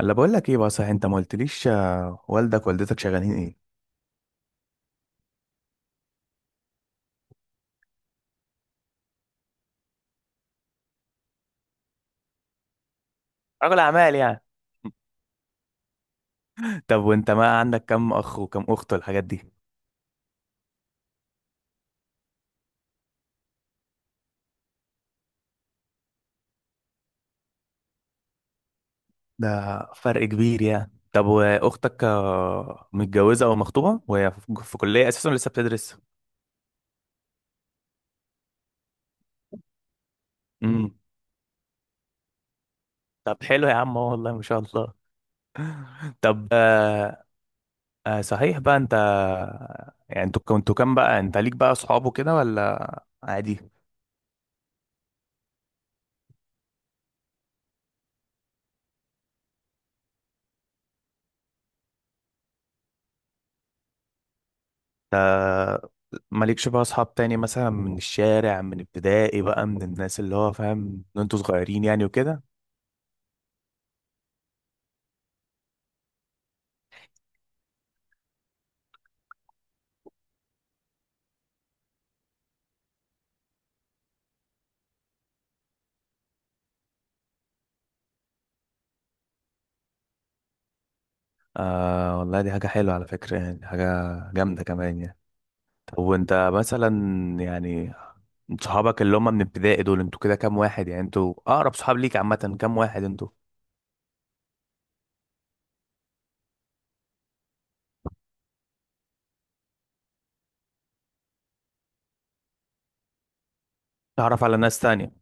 الا بقول لك ايه بقى صحيح؟ انت ما قلتليش، والدك والدتك شغالين ايه؟ رجل اعمال يعني. طب وانت ما عندك كم اخ وكم اخت والحاجات دي؟ ده فرق كبير يعني. طب واختك متجوزه او مخطوبه؟ وهي في كليه اساسا لسه بتدرس. امم. طب حلو يا عم أهو، والله ما شاء الله. طب. صحيح بقى. انت يعني انتوا كنتوا كام؟ بقى انت ليك بقى اصحاب وكده ولا عادي؟ آه، مالكش بقى اصحاب تاني مثلا، من الشارع من ابتدائي بقى، من الناس اللي هو فاهم ان انتوا صغيرين يعني وكده؟ آه والله، دي حاجة حلوة على فكرة يعني، حاجة جامدة كمان يعني. طب وانت مثلا يعني، صحابك اللي هم من ابتدائي دول انتوا كده كام واحد؟ يعني انتوا اقرب صحاب ليك عامة كام واحد انتوا؟ تعرف على ناس تانية.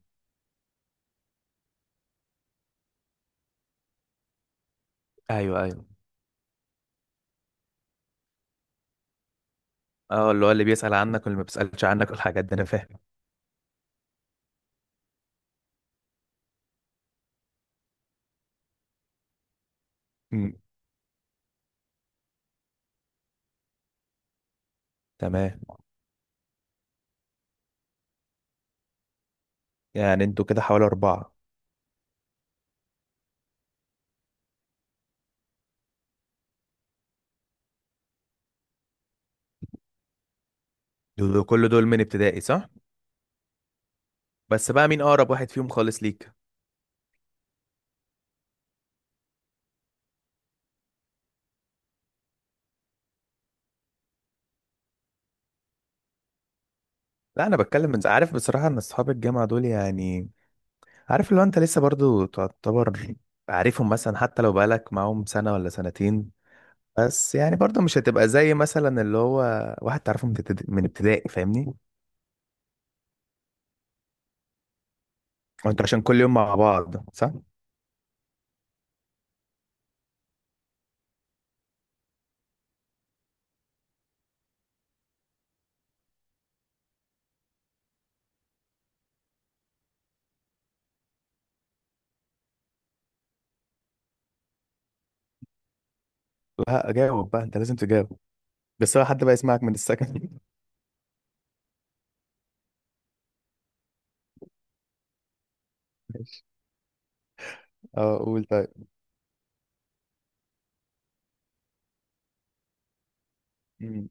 ايوه، ايوه. اه، اللي هو اللي بيسأل عنك واللي ما بيسألش عنك والحاجات دي، انا فاهم. أمم. تمام. يعني انتوا كده حوالي 4. دول كل دول من ابتدائي، صح؟ بس بقى مين اقرب واحد فيهم خالص ليك؟ لا انا بتكلم، من عارف بصراحه ان اصحاب الجامعه دول يعني، عارف لو انت لسه برضو تعتبر عارفهم مثلا، حتى لو بقالك معاهم سنه ولا سنتين. بس يعني برضو مش هتبقى زي مثلا اللي هو واحد تعرفه من ابتدائي من ابتدائي، فاهمني. وانت عشان كل يوم مع بعض، صح؟ لا، جاوب بقى، انت لازم تجاوب. بس هو حد بقى يسمعك من السكن؟ ماشي. اه، قول. طيب.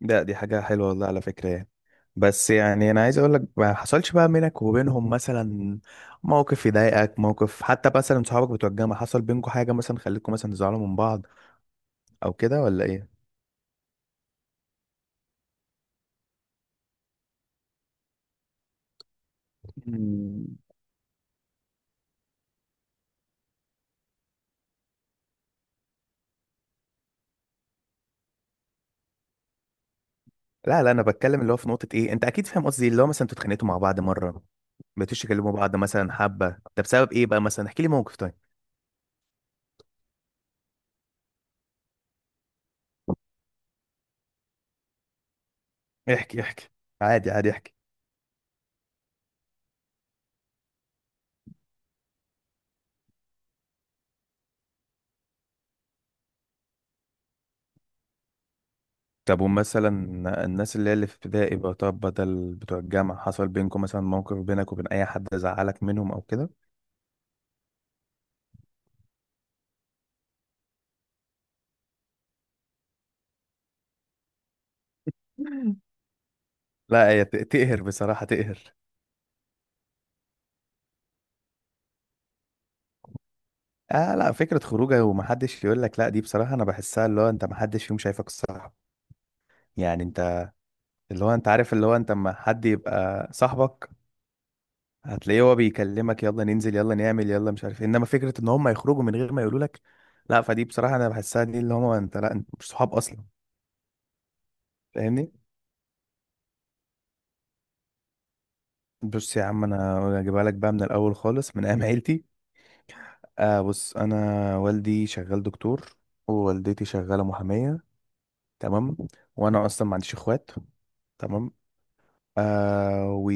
لا دي حاجة حلوة والله على فكرة يعني. بس يعني أنا عايز أقول لك، ما حصلش بقى بينك وبينهم مثلا موقف يضايقك، موقف حتى مثلا صحابك بتوع الجامعة حصل بينكم حاجة مثلا خلتكم مثلا تزعلوا من بعض أو كده، ولا إيه؟ مم. لا، لا، أنا بتكلم اللي هو في نقطة إيه، أنت أكيد فاهم قصدي، اللي هو مثلا انتوا اتخانقتوا مع بعض مرة؟ بتيجوا تكلموا بعض مثلا حبة؟ ده بسبب إيه بقى مثلا؟ احكي لي موقف طيب. احكي، احكي. عادي، عادي، احكي. طب ومثلا الناس اللي هي اللي في ابتدائي بقى، طب بدل بتوع الجامعة، حصل بينكم مثلا موقف بينك وبين أي حد زعلك منهم أو كده؟ لا هي تقهر بصراحة، تقهر. آه لا، فكرة خروجه ومحدش يقول لك، لا دي بصراحة أنا بحسها اللي هو أنت محدش فيهم شايفك صاحب. يعني أنت اللي هو أنت عارف، اللي هو أنت أما حد يبقى صاحبك، هتلاقيه هو بيكلمك، يلا ننزل، يلا نعمل، يلا مش عارف إيه. إنما فكرة إن هم يخرجوا من غير ما يقولوا لك، لا فدي بصراحة أنا بحسها دي اللي هم أنت، لا أنت مش صحاب أصلا، فاهمني؟ بص يا عم، انا هجيبها لك بقى من الاول خالص، من ايام عيلتي. بص انا والدي شغال دكتور. ووالدتي شغاله محاميه. تمام. وانا اصلا ما عنديش اخوات. تمام. و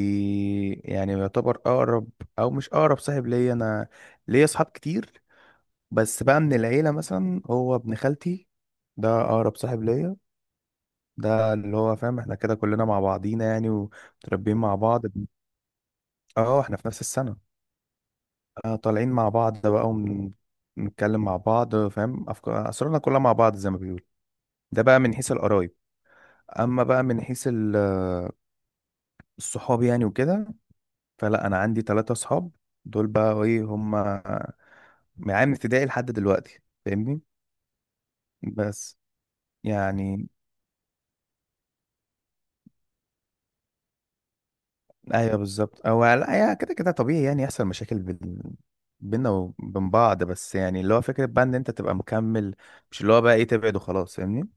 يعني يعتبر اقرب، او مش اقرب صاحب ليا انا. ليا اصحاب كتير. بس بقى من العيله مثلا، هو ابن خالتي. ده اقرب صاحب ليا. ده اللي هو فاهم احنا كده كلنا مع بعضينا يعني، ومتربيين مع بعض. اه، احنا في نفس السنه. طالعين مع بعض بقى. ونتكلم مع بعض، فاهم، أفكار أسرارنا كلها مع بعض زي ما بيقول. ده بقى من حيث القرايب. أما بقى من حيث الصحاب يعني وكده. فلا أنا عندي 3 صحاب. دول بقى إيه هم معايا من ابتدائي لحد دلوقتي، فاهمني؟ بس يعني. أيوه بالظبط، أو لا يعني كده كده طبيعي يعني، يحصل مشاكل بينا وبين بعض، بس يعني اللي هو فكرة بقى إن أنت تبقى مكمل. مش اللي هو بقى إيه، تبعد وخلاص، فاهمني؟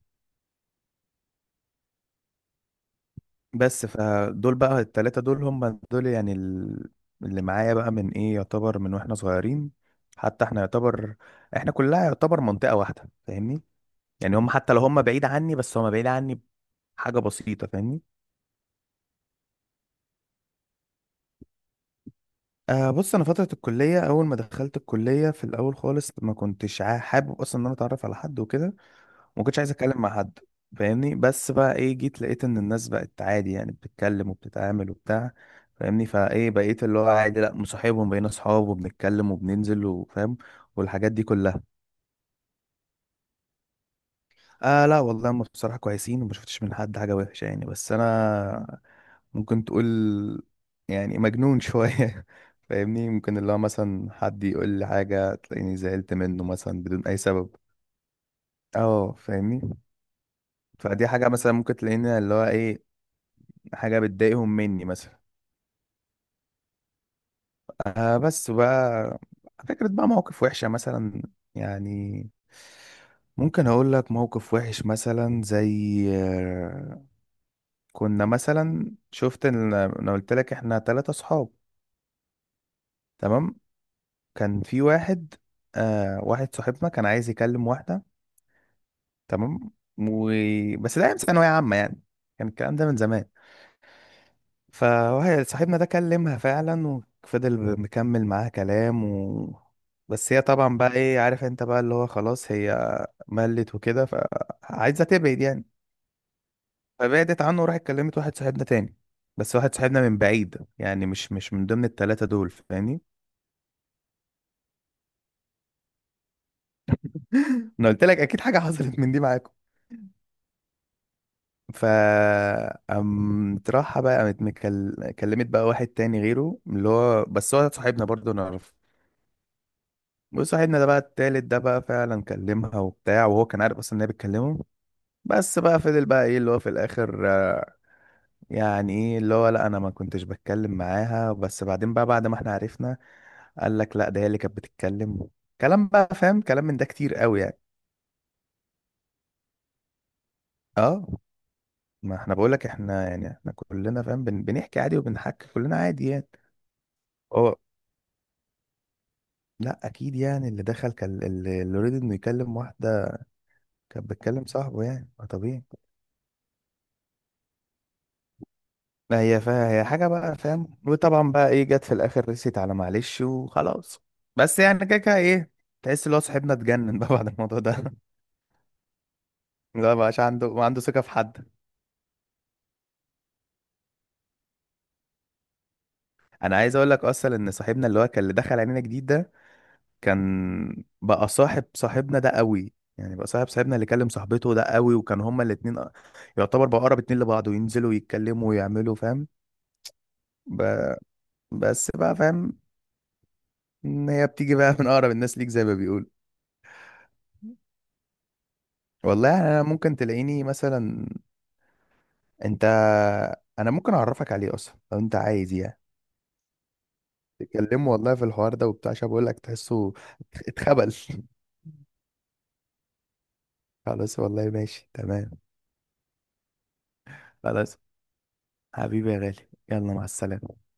بس فدول بقى التلاتة دول هم دول يعني اللي معايا بقى من ايه، يعتبر من واحنا صغيرين. حتى احنا يعتبر، احنا كلها يعتبر منطقة واحدة، فاهمني. يعني هم حتى لو هم بعيد عني، بس هم بعيد عني بحاجة بسيطة، فاهمني. بص انا فترة الكلية، اول ما دخلت الكلية في الاول خالص، ما كنتش حابب اصلا ان انا اتعرف على حد وكده. ما كنتش عايز اتكلم مع حد، فاهمني. بس بقى ايه، جيت لقيت ان الناس بقت عادي يعني، بتتكلم وبتتعامل وبتاع، فاهمني. فايه بقيت اللي هو عادي لا مصاحبهم، بقينا اصحاب وبنتكلم وبننزل وفاهم، والحاجات دي كلها. اه لا والله، هم بصراحة كويسين وما شفتش من حد حاجة وحشة يعني، بس انا ممكن تقول يعني مجنون شوية. فاهمني، ممكن اللي هو مثلا حد يقول لي حاجة تلاقيني زعلت منه مثلا بدون اي سبب. اه، فاهمني. فدي حاجة مثلا ممكن تلاقيني اللي هو ايه، حاجة بتضايقهم مني مثلا. بس بقى فكرة بقى مواقف وحشة مثلا يعني. ممكن أقول لك موقف وحش مثلا زي. كنا مثلا، شفت إن أنا قلت لك إحنا 3 صحاب. تمام. كان في واحد. واحد صاحبنا كان عايز يكلم واحدة. تمام. و. بس ده أيام ثانوية عامة يعني، كان الكلام ده من زمان. فواحد صاحبنا ده كلمها فعلا، وفضل مكمل معاها كلام و. بس هي طبعا بقى ايه، عارف انت بقى اللي هو خلاص هي ملت وكده، فعايزة تبعد يعني. فبعدت عنه وراحت كلمت واحد صاحبنا تاني. بس واحد صاحبنا من بعيد يعني، مش من ضمن التلاتة دول، فاهمني. انا قلت لك اكيد حاجة حصلت من دي معاكم. ف. قامت راحة بقى، قامت كلمت بقى واحد تاني غيره، اللي هو بس هو صاحبنا برضه نعرفه. بص صاحبنا ده بقى التالت ده بقى فعلا كلمها وبتاع، وهو كان عارف اصلا ان هي بتكلمه. بس بقى فضل بقى ايه اللي هو في الاخر. يعني ايه اللي هو، لا انا ما كنتش بتكلم معاها، بس بعدين بقى بعد ما احنا عرفنا، قال لك لا ده هي اللي كانت بتتكلم. كلام بقى فاهم، كلام من ده كتير قوي يعني. اه، ما احنا بقول لك احنا يعني، احنا كلنا فاهم، بنحكي عادي، وبنحكي كلنا عادي يعني. هو لا، اكيد يعني اللي دخل كان اللي يريد انه يكلم واحده. كانت بتكلم صاحبه يعني، ما طبيعي. ما هي هي حاجة بقى، فاهم، وطبعا بقى ايه، جت في الاخر رسيت على معلش وخلاص. بس يعني كده كده ايه، تحس اللي هو صاحبنا اتجنن بقى بعد الموضوع ده. لا، مبقاش عنده، ما عنده ثقة في حد. انا عايز اقول لك اصلا ان صاحبنا اللي هو كان اللي دخل علينا جديد ده، كان بقى صاحب صاحبنا ده قوي، يعني بقى صاحب صاحبنا اللي كلم صاحبته ده قوي، وكان هما الاتنين. يعتبر بقى اقرب اتنين لبعض، وينزلوا يتكلموا ويعملوا، فاهم. ب... بس بقى فاهم إن هي بتيجي بقى من اقرب الناس ليك زي ما بيقولوا. والله يعني، انا ممكن تلاقيني مثلا، انت، انا ممكن اعرفك عليه اصلا لو انت عايز يعني، تتكلموا والله في الحوار ده وبتاع، عشان بقول لك تحسه اتخبل. خلاص والله، ماشي تمام. خلاص، حبيبي يا غالي، يلا مع السلامة.